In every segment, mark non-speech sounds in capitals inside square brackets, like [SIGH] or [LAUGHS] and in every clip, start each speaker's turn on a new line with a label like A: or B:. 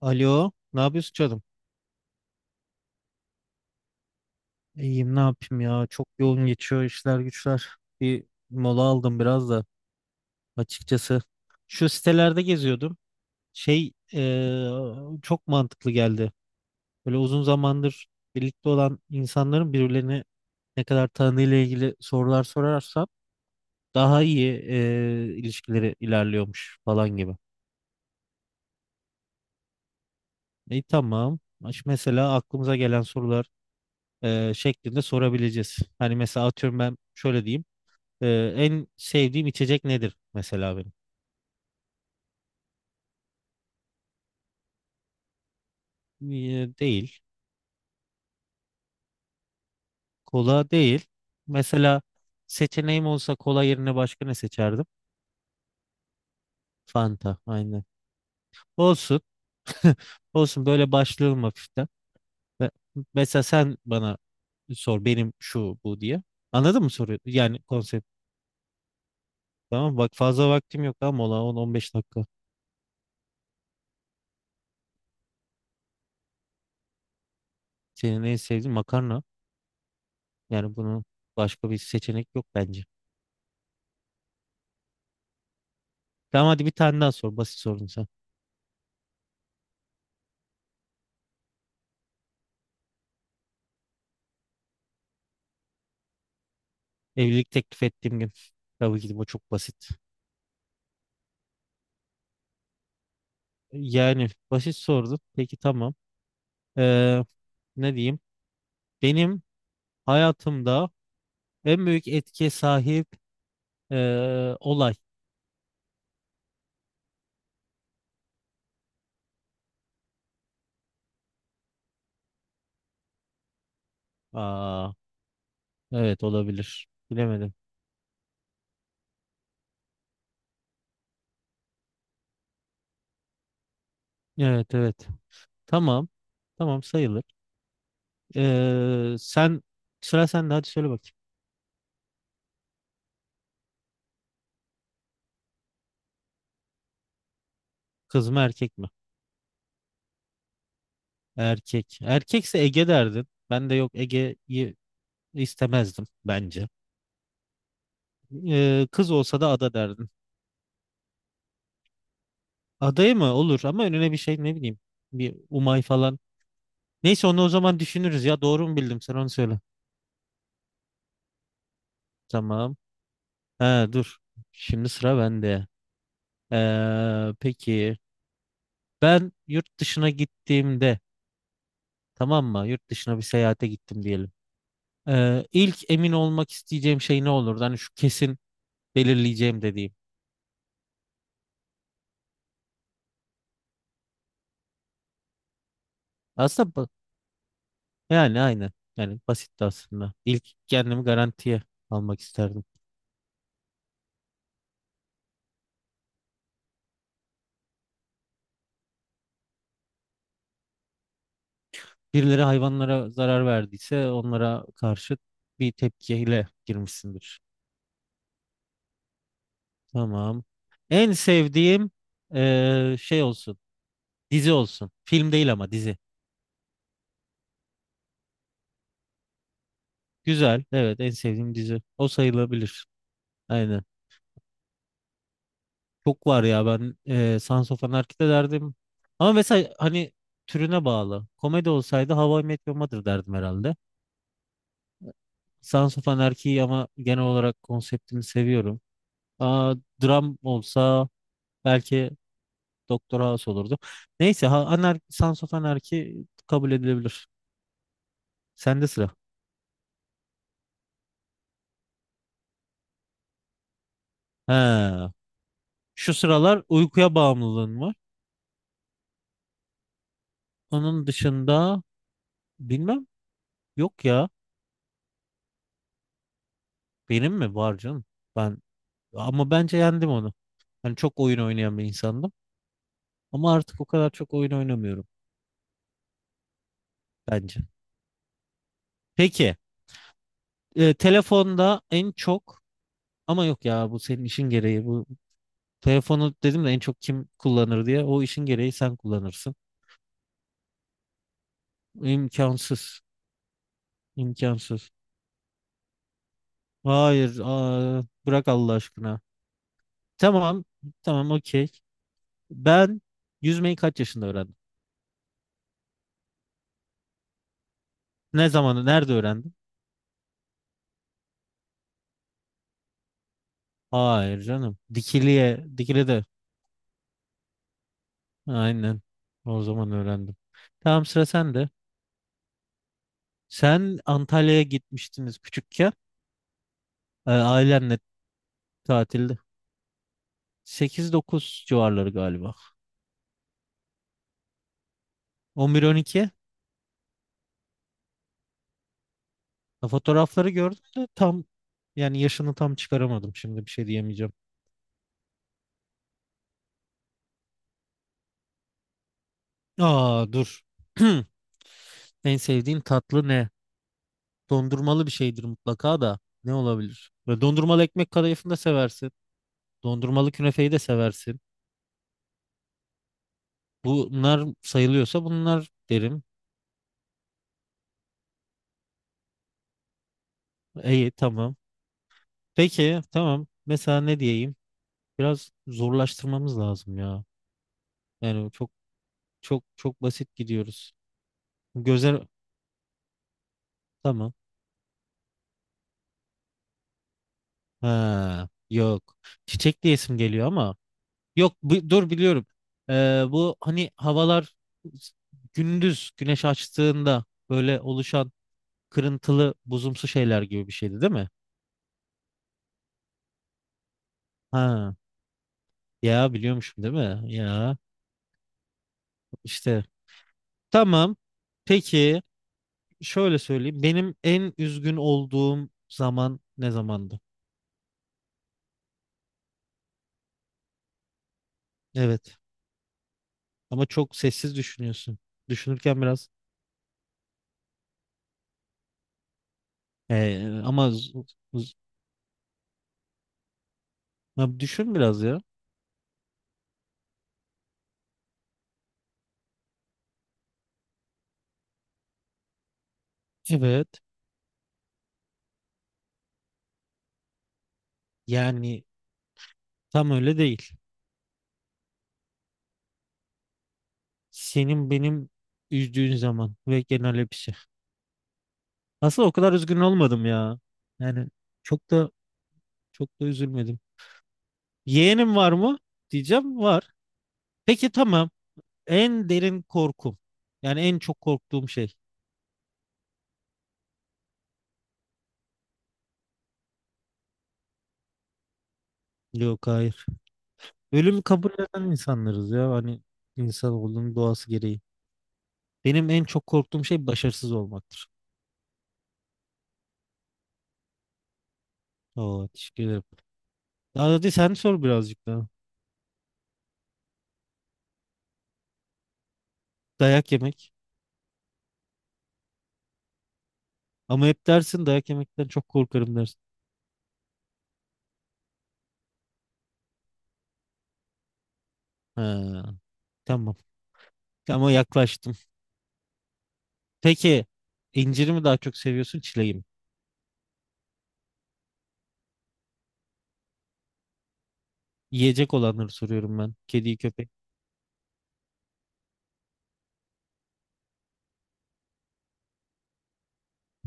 A: Alo, ne yapıyorsun canım? İyiyim, ne yapayım ya? Çok yoğun geçiyor işler güçler. Bir mola aldım biraz da açıkçası. Şu sitelerde geziyordum. Şey eee, çok mantıklı geldi. Böyle uzun zamandır birlikte olan insanların birbirlerini ne kadar tanıdığıyla ilgili sorular sorarsam daha iyi ilişkileri ilerliyormuş falan gibi. İyi tamam. Mesela aklımıza gelen sorular şeklinde sorabileceğiz. Hani mesela atıyorum ben şöyle diyeyim. En sevdiğim içecek nedir mesela benim? Değil. Kola değil. Mesela seçeneğim olsa kola yerine başka ne seçerdim? Fanta. Aynen. Olsun. [LAUGHS] Olsun böyle başlayalım hafiften. Ve- Mesela sen bana sor benim şu bu diye. Anladın mı soruyu? Yani konsept. Tamam bak fazla vaktim yok ama mola 10-15 dakika. Senin en sevdiğin makarna. Yani bunun başka bir seçenek yok bence. Tamam hadi bir tane daha sor. Basit sorun sen. Evlilik teklif ettiğim gün. Tabii ki de bu çok basit. Yani basit sordu. Peki tamam. Ee, ne diyeyim? Benim hayatımda en büyük etkiye sahip olay. Aa, evet olabilir. Bilemedim. Evet, evet. Tamam. Tamam sayılır. Sen Sıra sende, hadi söyle bakayım. Kız mı erkek mi? Erkek. Erkekse Ege derdin. Ben de yok, Ege'yi istemezdim bence. Kız olsa da ada derdin. Adaya mı? Olur ama önüne bir şey, ne bileyim. Bir Umay falan. Neyse onu o zaman düşünürüz ya. Doğru mu bildim? Sen onu söyle. Tamam. He dur. Şimdi sıra bende. Peki ben yurt dışına gittiğimde, tamam mı? Yurt dışına bir seyahate gittim diyelim. İlk emin olmak isteyeceğim şey ne olurdu? Hani şu kesin belirleyeceğim dediğim. Aslında ba- Yani aynı. Yani basit de aslında. İlk kendimi garantiye almak isterdim. Birileri hayvanlara zarar verdiyse onlara karşı bir tepkiyle girmişsindir. Tamam. En sevdiğim şey olsun. Dizi olsun. Film değil ama dizi. Güzel. Evet, en sevdiğim dizi. O sayılabilir. Aynen. Çok var ya, ben Sons of Anarchy'de derdim. Ama mesela hani türüne bağlı. Komedi olsaydı How I Met Your Mother derdim herhalde. Sons of Anarchy'yi ama genel olarak konseptini seviyorum. Aa, dram olsa belki Doktor House olurdu. Neyse ha, Sons of Anarchy kabul edilebilir. Sende sıra. He. Şu sıralar uykuya bağımlılığın var. Onun dışında bilmem, yok ya. Benim mi var canım? Ben ama bence yendim onu. Hani çok oyun oynayan bir insandım. Ama artık o kadar çok oyun oynamıyorum bence. Peki, telefonda en çok, ama yok ya, bu senin işin gereği. Bu telefonu dedim de en çok kim kullanır diye. O işin gereği sen kullanırsın. İmkansız. İmkansız. Hayır, aa, bırak Allah aşkına. Tamam, tamam, okey. Ben yüzmeyi kaç yaşında öğrendim? Ne zamanı, nerede öğrendim? Hayır canım. Dikili'ye, Dikili'de. Aynen. O zaman öğrendim. Tamam sıra sende. Sen Antalya'ya gitmiştiniz küçükken. Ailenle tatilde. 8 9 civarları galiba. 11 12. Fotoğrafları gördüm de tam, yani yaşını tam çıkaramadım. Şimdi bir şey diyemeyeceğim. Aa dur. [CLEARS THROAT] En sevdiğin tatlı ne? Dondurmalı bir şeydir mutlaka da. Ne olabilir? Ve dondurmalı ekmek kadayıfını da seversin. Dondurmalı künefeyi de seversin. Bunlar sayılıyorsa bunlar derim. İyi tamam. Peki tamam. Mesela ne diyeyim? Biraz zorlaştırmamız lazım ya. Yani çok çok çok basit gidiyoruz. Göze tamam. Ha, yok. Çiçek diye isim geliyor ama. Yok bu- Dur biliyorum. Bu hani havalar gündüz güneş açtığında böyle oluşan kırıntılı buzumsu şeyler gibi bir şeydi, değil mi? Ha, ya biliyormuşum değil mi? Ya işte tamam. Peki şöyle söyleyeyim. Benim en üzgün olduğum zaman ne zamandı? Evet. Ama çok sessiz düşünüyorsun. Düşünürken biraz. Ee, ama z- z- Ya düşün biraz ya. Evet. Yani tam öyle değil. Senin benim üzdüğün zaman ve genel hepsi. Aslında o kadar üzgün olmadım ya. Yani çok da çok da üzülmedim. Yeğenim var mı? Diyeceğim var. Peki tamam. En derin korkum. Yani en çok korktuğum şey. Yok, hayır. Ölümü kabul eden insanlarız ya. Hani insan olduğunun doğası gereği. Benim en çok korktuğum şey başarısız olmaktır. Oo, teşekkür ederim. Daha hadi sen sor birazcık daha. Dayak yemek. Ama hep dersin dayak yemekten çok korkarım dersin. Ha, tamam. Ama yaklaştım. Peki inciri mi daha çok seviyorsun, çileği mi? Yiyecek olanları soruyorum ben. Kediyi köpek.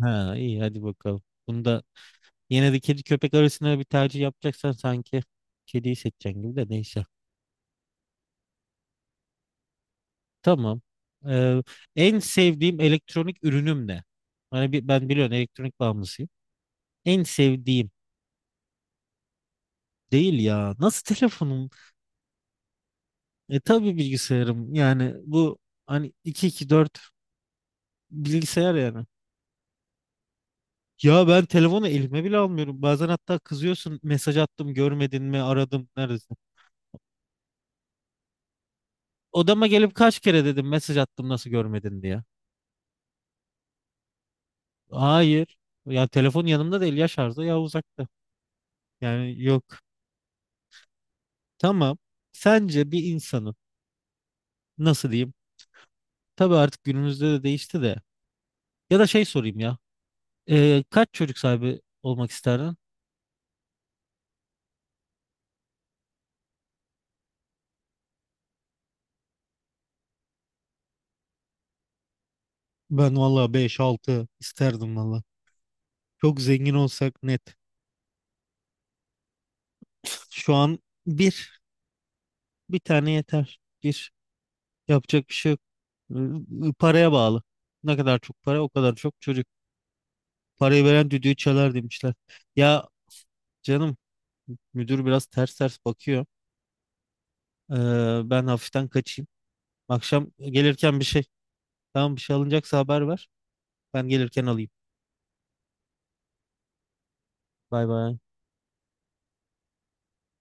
A: Ha iyi, hadi bakalım. Bunda yine de kedi köpek arasında bir tercih yapacaksan sanki kediyi seçeceksin gibi, de neyse. Tamam. Ee, en sevdiğim elektronik ürünüm ne? Ben biliyorum elektronik bağımlısıyım. En sevdiğim değil ya. Nasıl telefonum? E tabii bilgisayarım. Yani bu hani 2-2-4 bilgisayar yani. Ya ben telefonu elime bile almıyorum. Bazen hatta kızıyorsun, mesaj attım görmedin mi, aradım neredesin? Odama gelip kaç kere dedim mesaj attım nasıl görmedin diye. Hayır. Ya telefon yanımda değil, ya şarjda ya uzakta. Yani yok. Tamam. Sence bir insanın nasıl diyeyim? Tabii artık günümüzde de değişti de. Ya da şey sorayım ya. Kaç çocuk sahibi olmak isterdin? Ben valla 5 6 isterdim valla. Çok zengin olsak net. Şu an bir. Bir tane yeter. Bir. Yapacak bir şey. Paraya bağlı. Ne kadar çok para o kadar çok çocuk. Parayı veren düdüğü çalar demişler. Ya canım, müdür biraz ters ters bakıyor. Ee, ben hafiften kaçayım. Akşam gelirken bir şey. Tamam bir şey alınacaksa haber ver. Ben gelirken alayım. Bay bay.